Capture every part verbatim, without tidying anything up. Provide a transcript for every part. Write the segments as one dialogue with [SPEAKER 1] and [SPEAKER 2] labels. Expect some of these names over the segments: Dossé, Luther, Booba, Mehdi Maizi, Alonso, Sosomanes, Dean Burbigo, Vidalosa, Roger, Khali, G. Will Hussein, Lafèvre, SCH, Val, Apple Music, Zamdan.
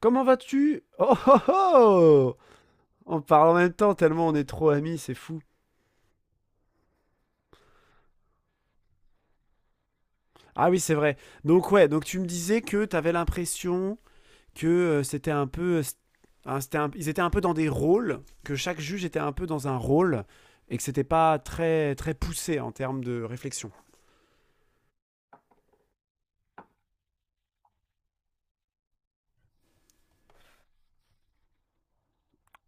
[SPEAKER 1] Comment vas-tu? Oh oh oh! On parle en même temps tellement on est trop amis, c'est fou. Ah oui, c'est vrai. Donc ouais, donc tu me disais que t'avais l'impression que euh, c'était un peu, euh, st- un- c'était un- ils étaient un peu dans des rôles, que chaque juge était un peu dans un rôle et que c'était pas très très poussé en termes de réflexion.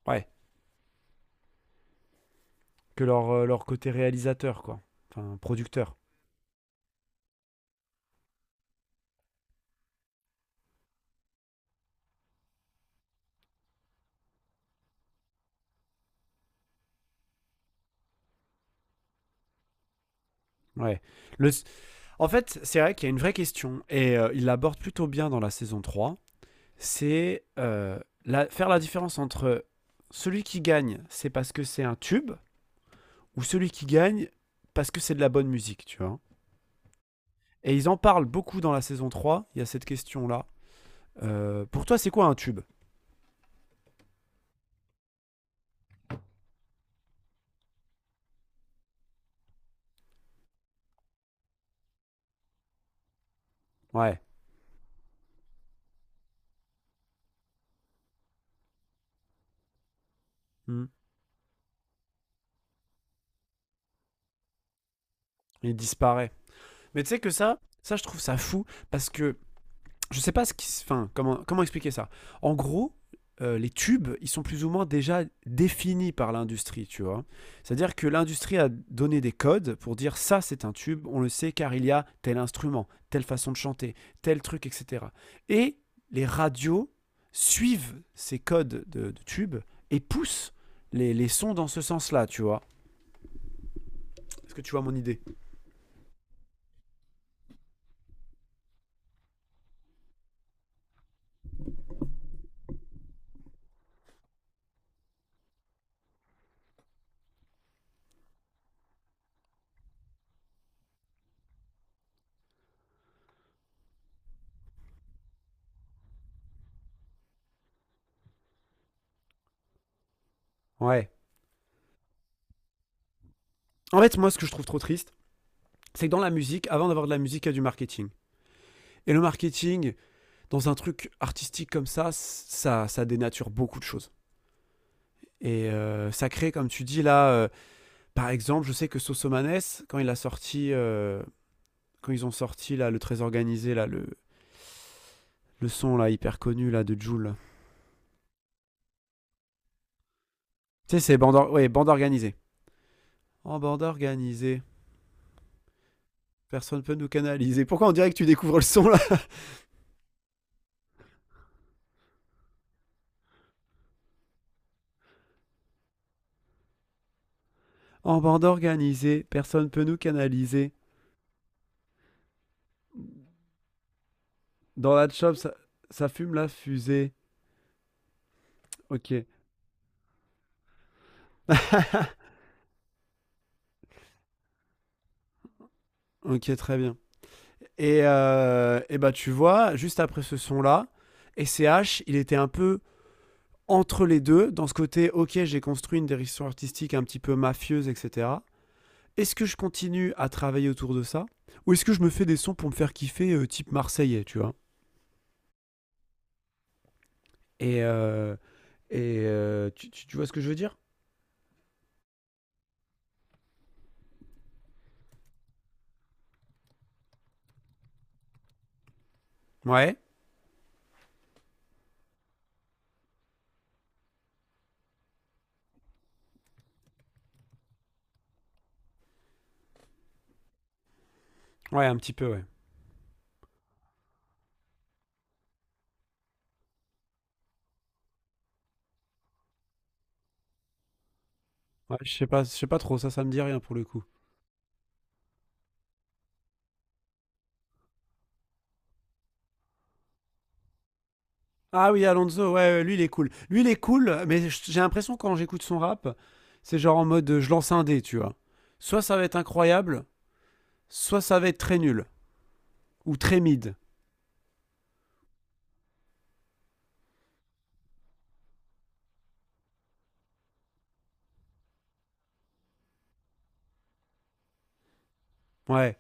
[SPEAKER 1] Ouais. Que leur euh, leur côté réalisateur quoi, enfin producteur. Ouais. Le, En fait, c'est vrai qu'il y a une vraie question et euh, il l'aborde plutôt bien dans la saison trois. C'est euh, la- faire la différence entre celui qui gagne, c'est parce que c'est un tube, ou celui qui gagne parce que c'est de la bonne musique, tu vois. Et ils en parlent beaucoup dans la saison trois, il y a cette question-là. Euh, pour toi, c'est quoi un tube? Ouais. Hmm. Il disparaît. Mais tu sais que ça, ça je trouve ça fou, parce que je sais pas ce qui, s- enfin, comment, comment expliquer ça. En gros, euh, les tubes, ils sont plus ou moins déjà définis par l'industrie, tu vois. C'est-à-dire que l'industrie a donné des codes pour dire ça, c'est un tube, on le sait car il y a tel instrument, telle façon de chanter, tel truc, et cetera. Et les radios suivent ces codes de, de tubes et poussent les, les sons dans ce sens-là, tu vois. Est-ce que tu vois mon idée? Ouais. En fait, moi, ce que je trouve trop triste, c'est que dans la musique, avant d'avoir de la musique, il y a du marketing. Et le marketing, dans un truc artistique comme ça, ça, ça dénature beaucoup de choses. Et euh, ça crée, comme tu dis là, euh, par exemple, je sais que Sosomanes, quand il a sorti, euh, quand ils ont sorti là, le très organisé, là, le, le son là, hyper connu là, de Joule. Tu sais, c'est bande, or- ouais, bande organisée. En bande organisée, personne peut nous canaliser. Pourquoi on dirait que tu découvres le son là? En bande organisée, personne peut nous canaliser. Dans la shop, ça, ça fume la fusée. Ok, ok, très bien. Et, euh, et bah, tu vois, juste après ce son-là, S C H, il était un peu entre les deux, dans ce côté, ok, j'ai construit une direction artistique un petit peu mafieuse, et cetera. Est-ce que je continue à travailler autour de ça? Ou est-ce que je me fais des sons pour me faire kiffer, euh, type marseillais, tu vois? Et, euh, et euh, tu, tu- tu vois ce que je veux dire? Ouais, ouais, un petit peu, ouais. Ouais, je sais pas, je sais pas trop, ça, ça me dit rien pour le coup. Ah oui, Alonso, ouais, ouais, lui il est cool. Lui il est cool, mais j- j'ai l'impression quand j'écoute son rap, c'est genre en mode euh, je lance un dé, tu vois. Soit ça va être incroyable, soit ça va être très nul, ou très mid. Ouais,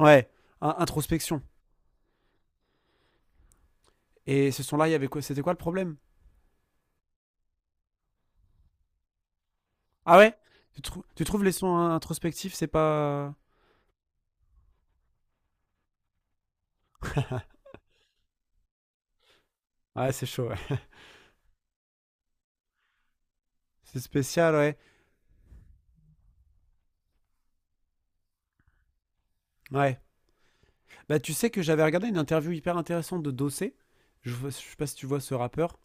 [SPEAKER 1] ouais, In- introspection. Et ce son-là, il y avait quoi? C'était quoi le problème? Ah ouais, tu, trou- tu trouves les sons in- introspectifs, c'est pas. Ouais, c'est chaud, ouais. C'est spécial, ouais. Ouais. Bah, tu sais que j'avais regardé une interview hyper intéressante de Dossé. Je, vois- je sais pas si tu vois ce rappeur.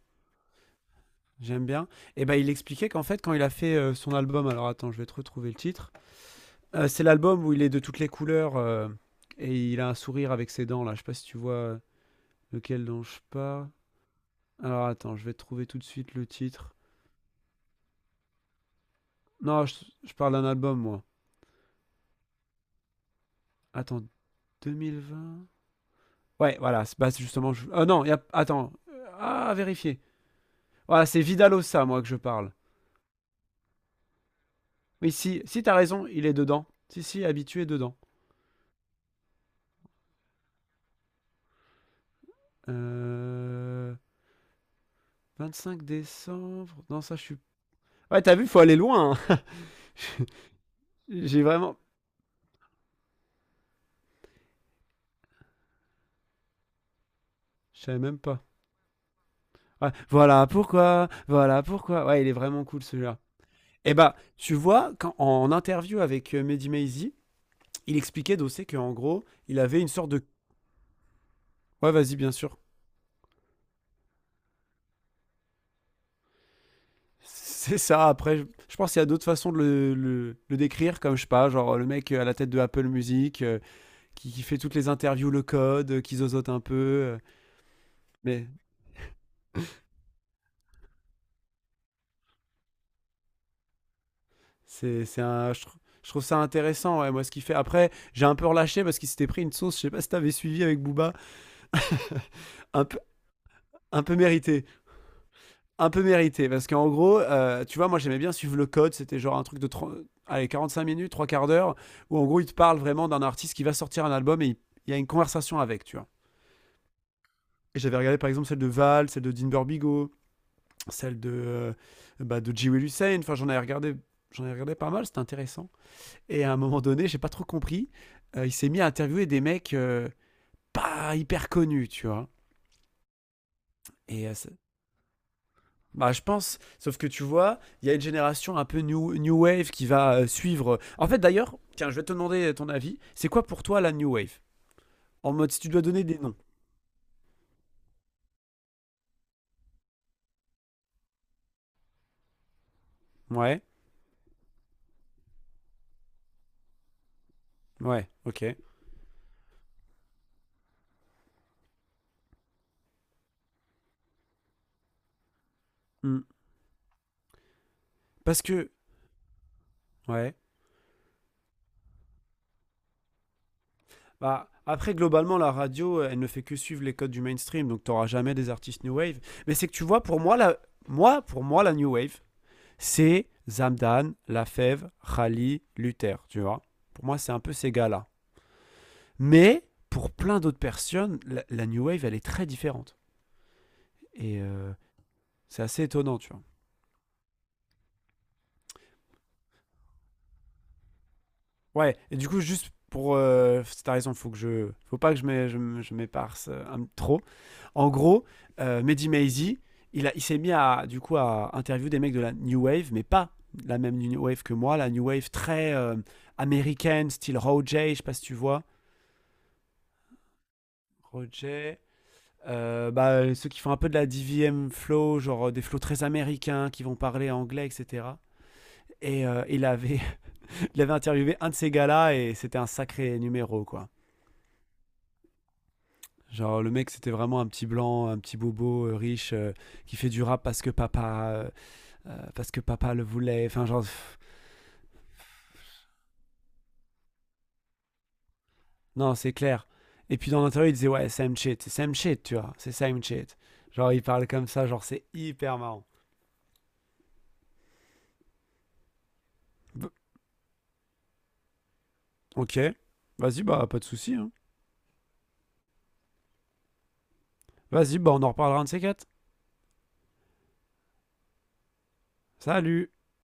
[SPEAKER 1] J'aime bien. Et ben, il expliquait qu'en fait, quand il a fait euh, son album, alors attends, je vais te retrouver le titre. Euh, c'est l'album où il est de toutes les couleurs euh, et il a un sourire avec ses dents là. Je sais pas si tu vois euh, lequel dont je parle. Alors attends, je vais te trouver tout de suite le titre. Non, je, je parle d'un album moi. Attends, deux mille vingt. Ouais, voilà. c'est- Bah, c'est justement. je- Ah non, y a, attends. euh, Ah, à vérifier. Voilà, c'est Vidalosa moi que je parle. Oui, si, si t'as raison, il est dedans. Si, si, habitué dedans. Euh... Vingt-cinq décembre. Non, ça, je suis. Ouais, t'as vu, faut aller loin, hein. J'ai vraiment. Je savais même pas. Ouais, voilà pourquoi. Voilà pourquoi. Ouais, il est vraiment cool celui-là. Et bah, tu vois, quand, en interview avec euh, Mehdi Maizi, il expliquait d'aussi qu'en gros, il avait une sorte de. Ouais, vas-y, bien sûr. C'est ça, après, je, je pense qu'il y a d'autres façons de le, le- le décrire, comme je sais pas, genre le mec euh, à la tête de Apple Music, euh, qui, qui fait toutes les interviews, le code, euh, qui zozote un peu. euh, Mais C'est, c'est un, je, tr- je trouve ça intéressant, ouais, moi, ce qu'il fait. Après, j'ai un peu relâché parce qu'il s'était pris une sauce, je sais pas si t'avais suivi avec Booba, un peu, un peu mérité. Un peu mérité. Parce qu'en gros, euh, tu vois, moi, j'aimais bien suivre le code. C'était genre un truc de trente allez, quarante-cinq minutes, trois quarts d'heure, où en gros, il te parle vraiment d'un artiste qui va sortir un album et il il y a une conversation avec, tu vois. Et j'avais regardé par exemple celle de Val, celle de Dean Burbigo, celle de, euh, bah, de G. Will Hussein. Enfin, j'en avais regardé. J'en ai regardé pas mal, c'était intéressant. Et à un moment donné, j'ai pas trop compris, euh, il s'est mis à interviewer des mecs euh, pas hyper connus, tu vois. Et euh, ça- bah, je pense, sauf que tu vois, il y a une génération un peu new, new wave qui va euh, suivre. euh. En fait, d'ailleurs, tiens, je vais te demander ton avis. C'est quoi pour toi la new wave? En mode, si tu dois donner des noms. Ouais, ouais, ok. Hmm. Parce que, ouais. Bah, après, globalement, la radio, elle ne fait que suivre les codes du mainstream, donc t'auras jamais des artistes new wave. Mais c'est que tu vois, pour moi, la, moi, pour moi, la new wave, c'est Zamdan, Lafèvre, Khali, Luther, tu vois. Pour moi, c'est un peu ces gars-là. Mais pour plein d'autres personnes, la, la New Wave, elle est très différente. Et euh, c'est assez étonnant, tu vois. Ouais, et du coup, juste pour euh, c'est ta raison, il faut que je, faut pas que je m'é- je m- je m'éparse euh, trop. En gros, euh, Mehdi Maizi, il, a- il s'est mis à du coup à interviewer des mecs de la New Wave, mais pas la même New Wave que moi, la New Wave très euh, américaine, style Roger, je sais pas si tu vois. Roger. Euh, bah, ceux qui font un peu de la D V M flow, genre euh, des flows très américains, qui vont parler anglais, et cetera. Et euh, il, avait, il avait interviewé un de ces gars-là et c'était un sacré numéro, quoi. Genre, le mec, c'était vraiment un petit blanc, un petit bobo euh, riche euh, qui fait du rap parce que papa, euh, euh, parce que papa le voulait. Enfin, genre, pff, non, c'est clair. Et puis dans l'interview, il disait, ouais, same shit, c'est same shit, tu vois, c'est same shit. Genre, il parle comme ça, genre, c'est hyper marrant. B- ok, vas-y, bah, pas de souci, hein. Vas-y, bah on en reparlera un de ces quatre. Salut